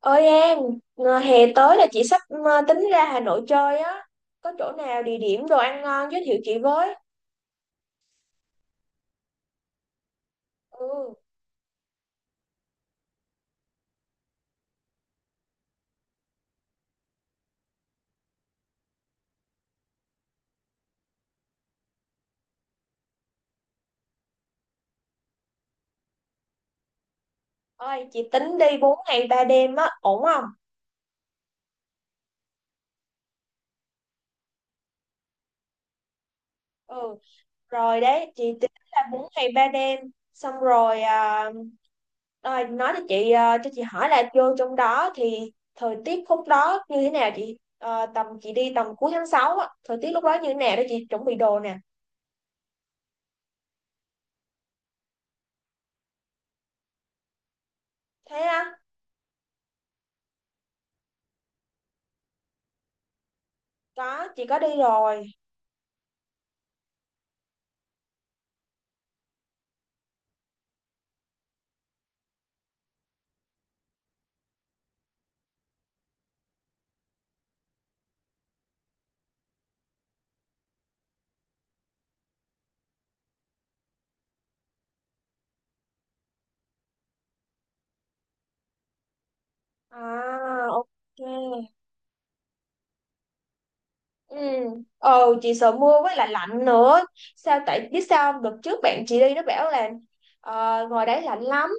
Ơi An, ngờ hè tới là chị sắp tính ra Hà Nội chơi á. Có chỗ nào địa điểm đồ ăn ngon giới thiệu chị với. Ừ, ôi chị tính đi 4 ngày 3 đêm á, ổn không? Ừ, rồi đấy, chị tính là 4 ngày 3 đêm. Xong rồi, à, rồi nói cho chị, cho chị hỏi là vô trong đó thì thời tiết khúc đó như thế nào chị? Ờ, tầm chị đi tầm cuối tháng 6 á, thời tiết lúc đó như thế nào để chị chuẩn bị đồ nè. Thế á, có, chị có đi rồi. À, ok. Ừ. Ờ chị sợ mưa với lại lạnh nữa, sao tại biết sao không? Đợt trước bạn chị đi nó bảo là ngoài đấy lạnh lắm.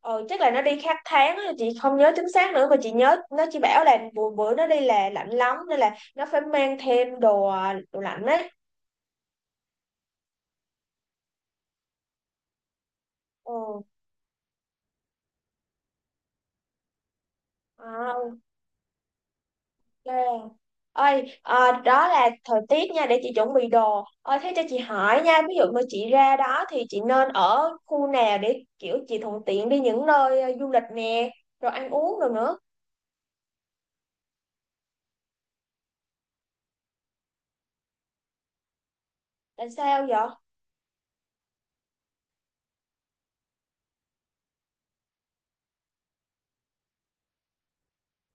Ờ, chắc là nó đi khác tháng á, chị không nhớ chính xác nữa mà chị nhớ nó chỉ bảo là bữa bữa nó đi là lạnh lắm nên là nó phải mang thêm đồ đồ lạnh ấy. Ừ. À. À, ơi à, đó là thời tiết nha để chị chuẩn bị đồ. Ơi thế cho chị hỏi nha, ví dụ mà chị ra đó thì chị nên ở khu nào để kiểu chị thuận tiện đi những nơi du lịch nè, rồi ăn uống rồi nữa. Tại sao vậy?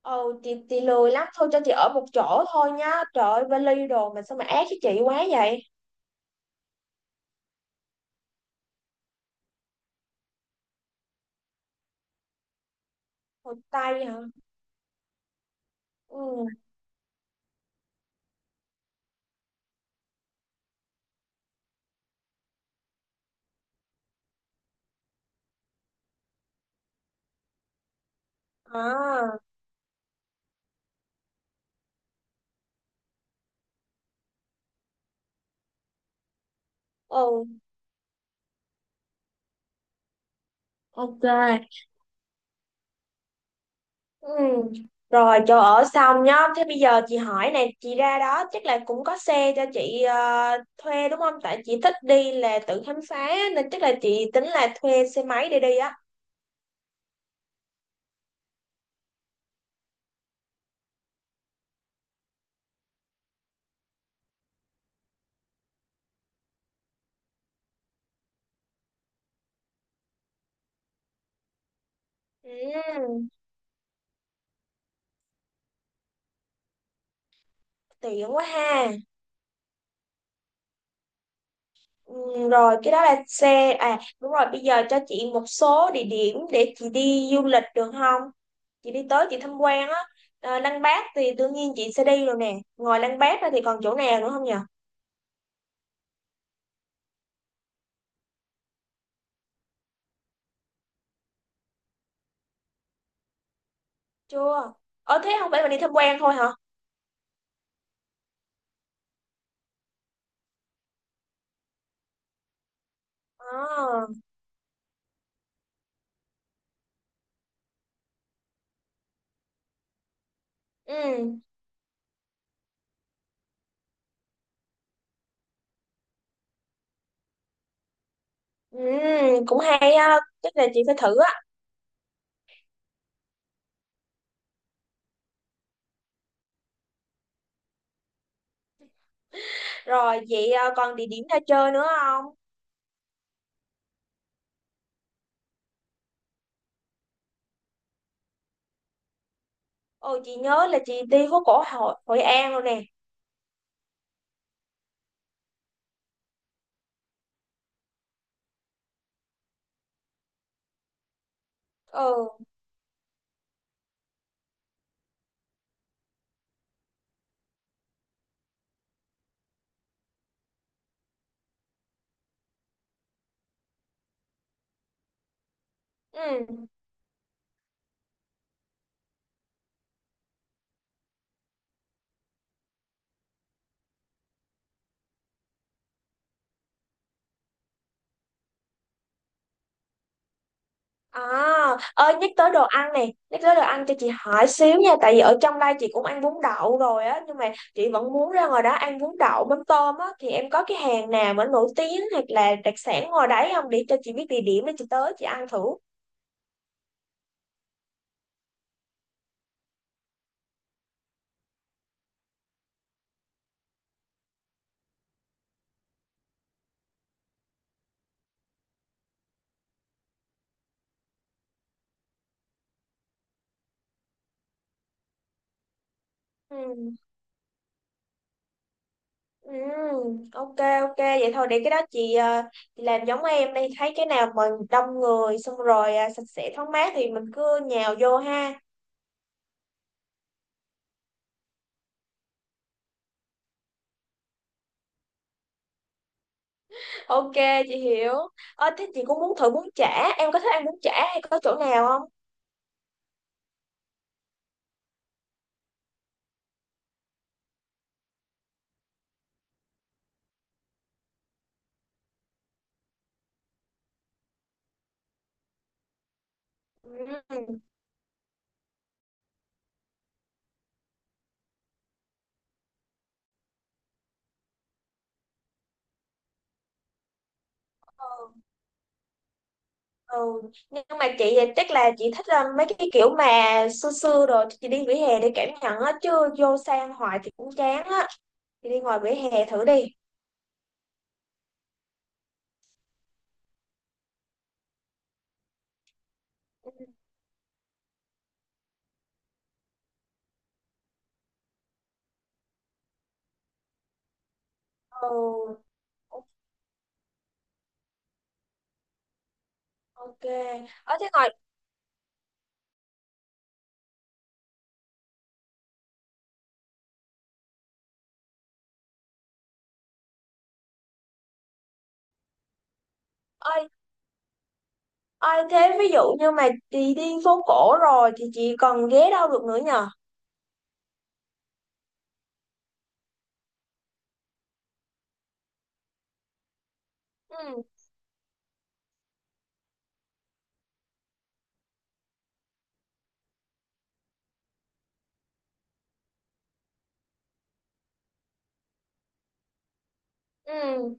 Ừ chị lười lắm, thôi cho chị ở một chỗ thôi nhá, trời ơi vali đồ mà sao mà ác với chị quá vậy. Hồ Tây hả? Ừ. À. Ừ. Ok. Ừ. Rồi chỗ ở xong nhá. Thế bây giờ chị hỏi này, chị ra đó chắc là cũng có xe cho chị thuê đúng không? Tại chị thích đi là tự khám phá á, nên chắc là chị tính là thuê xe máy để đi á. Ừ, tiện quá ha. Ừ, rồi cái đó là xe à, đúng rồi, bây giờ cho chị một số địa điểm để chị đi du lịch được không? Chị đi tới chị tham quan á. Ờ, Lăng Bác thì đương nhiên chị sẽ đi rồi nè. Ngoài Lăng Bác ra thì còn chỗ nào nữa không nhỉ? Chưa. Ờ thế không phải mình đi tham quan thôi hả? Ờ, ừ, ừ, cũng hay á, chắc là chị phải thử á. Rồi vậy à, còn địa điểm ra chơi nữa không? Ồ chị nhớ là chị đi phố cổ Hội An rồi nè. Ừ, ừ. À, ơi nhắc tới đồ ăn cho chị hỏi xíu nha, tại vì ở trong đây chị cũng ăn bún đậu rồi á, nhưng mà chị vẫn muốn ra ngoài đó ăn bún đậu mắm tôm á, thì em có cái hàng nào mà nổi tiếng hoặc là đặc sản ngoài đấy không để cho chị biết địa điểm để chị tới chị ăn thử. Ừ. Ừ, ok ok vậy thôi để cái đó chị, chị làm giống em, đi thấy cái nào mà đông người, xong rồi à, sạch sẽ thoáng mát thì mình cứ nhào vô ha. Ok, chị hiểu. Thế chị cũng muốn thử bún chả, em có thích ăn bún chả hay có chỗ nào không? Ừ. Ừ. Ừ. Nhưng mà chị thì chắc là chị thích mấy cái kiểu mà xưa xưa, rồi chị đi vỉa hè để cảm nhận á, chứ vô xe ăn hoài thì cũng chán á, chị đi ngoài vỉa hè thử đi. Ừ, ok ok. Ở thế ngoài. Ai thế, ví dụ như mà chị đi phố cổ rồi thì chị còn ghé đâu được nữa nhờ? Ừ, ừ.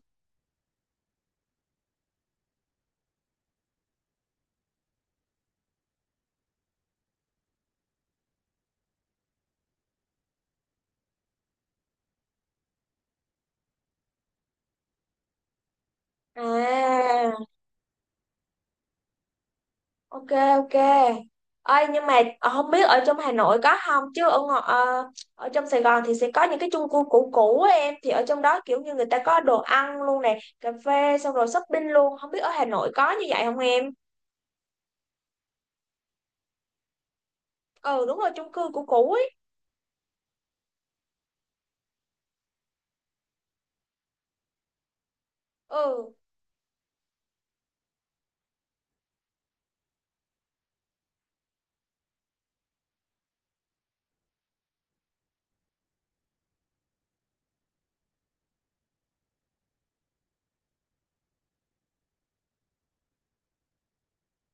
À, ok, ok. Ơi nhưng mà không biết ở trong Hà Nội có không, chứ ở trong Sài Gòn thì sẽ có những cái chung cư cũ cũ á, em thì ở trong đó kiểu như người ta có đồ ăn luôn nè, cà phê xong rồi shopping luôn, không biết ở Hà Nội có như vậy không em? Ừ đúng rồi chung cư cũ cũ ấy. Ừ,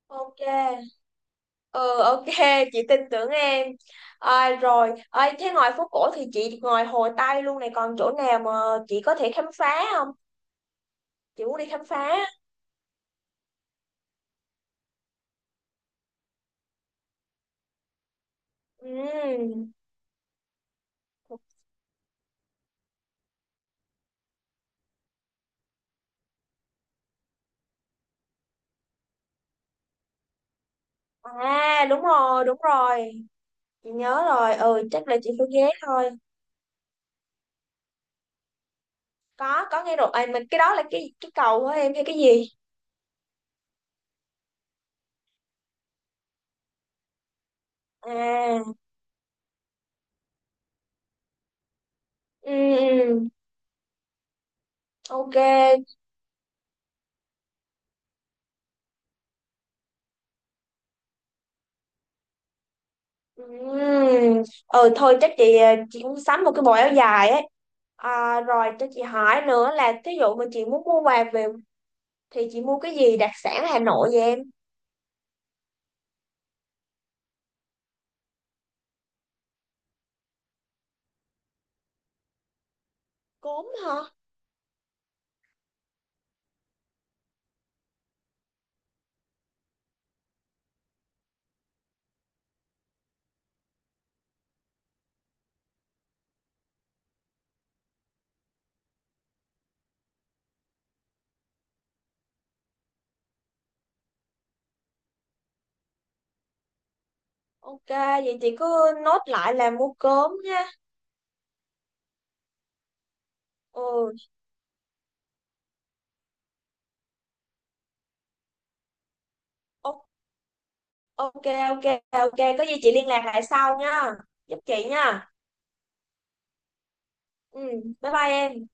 ok. Ừ, ok, chị tin tưởng em. À, rồi à, thế ngoài phố cổ thì chị, ngoài Hồ Tây luôn này, còn chỗ nào mà chị có thể khám phá không? Chị muốn đi khám phá. Ừ. À đúng rồi, đúng rồi, chị nhớ rồi, ừ chắc là chị phải ghé thôi. Có nghe rồi à, mình cái đó là cái cầu của em hay cái gì? À, ừ, ừ, ok, ừ. Ừ thôi chắc chị chị cũng sắm một cái bộ áo dài á. À, rồi cho chị hỏi nữa là thí dụ mà chị muốn mua quà về thì chị mua cái gì đặc sản Hà Nội vậy em? Cốm hả? Ok, vậy chị cứ nốt lại là mua cốm nha. Ừ, o- ok, ok, ok. Có gì chị liên lạc lại sau nha. Giúp chị nha. Ừ, bye bye em.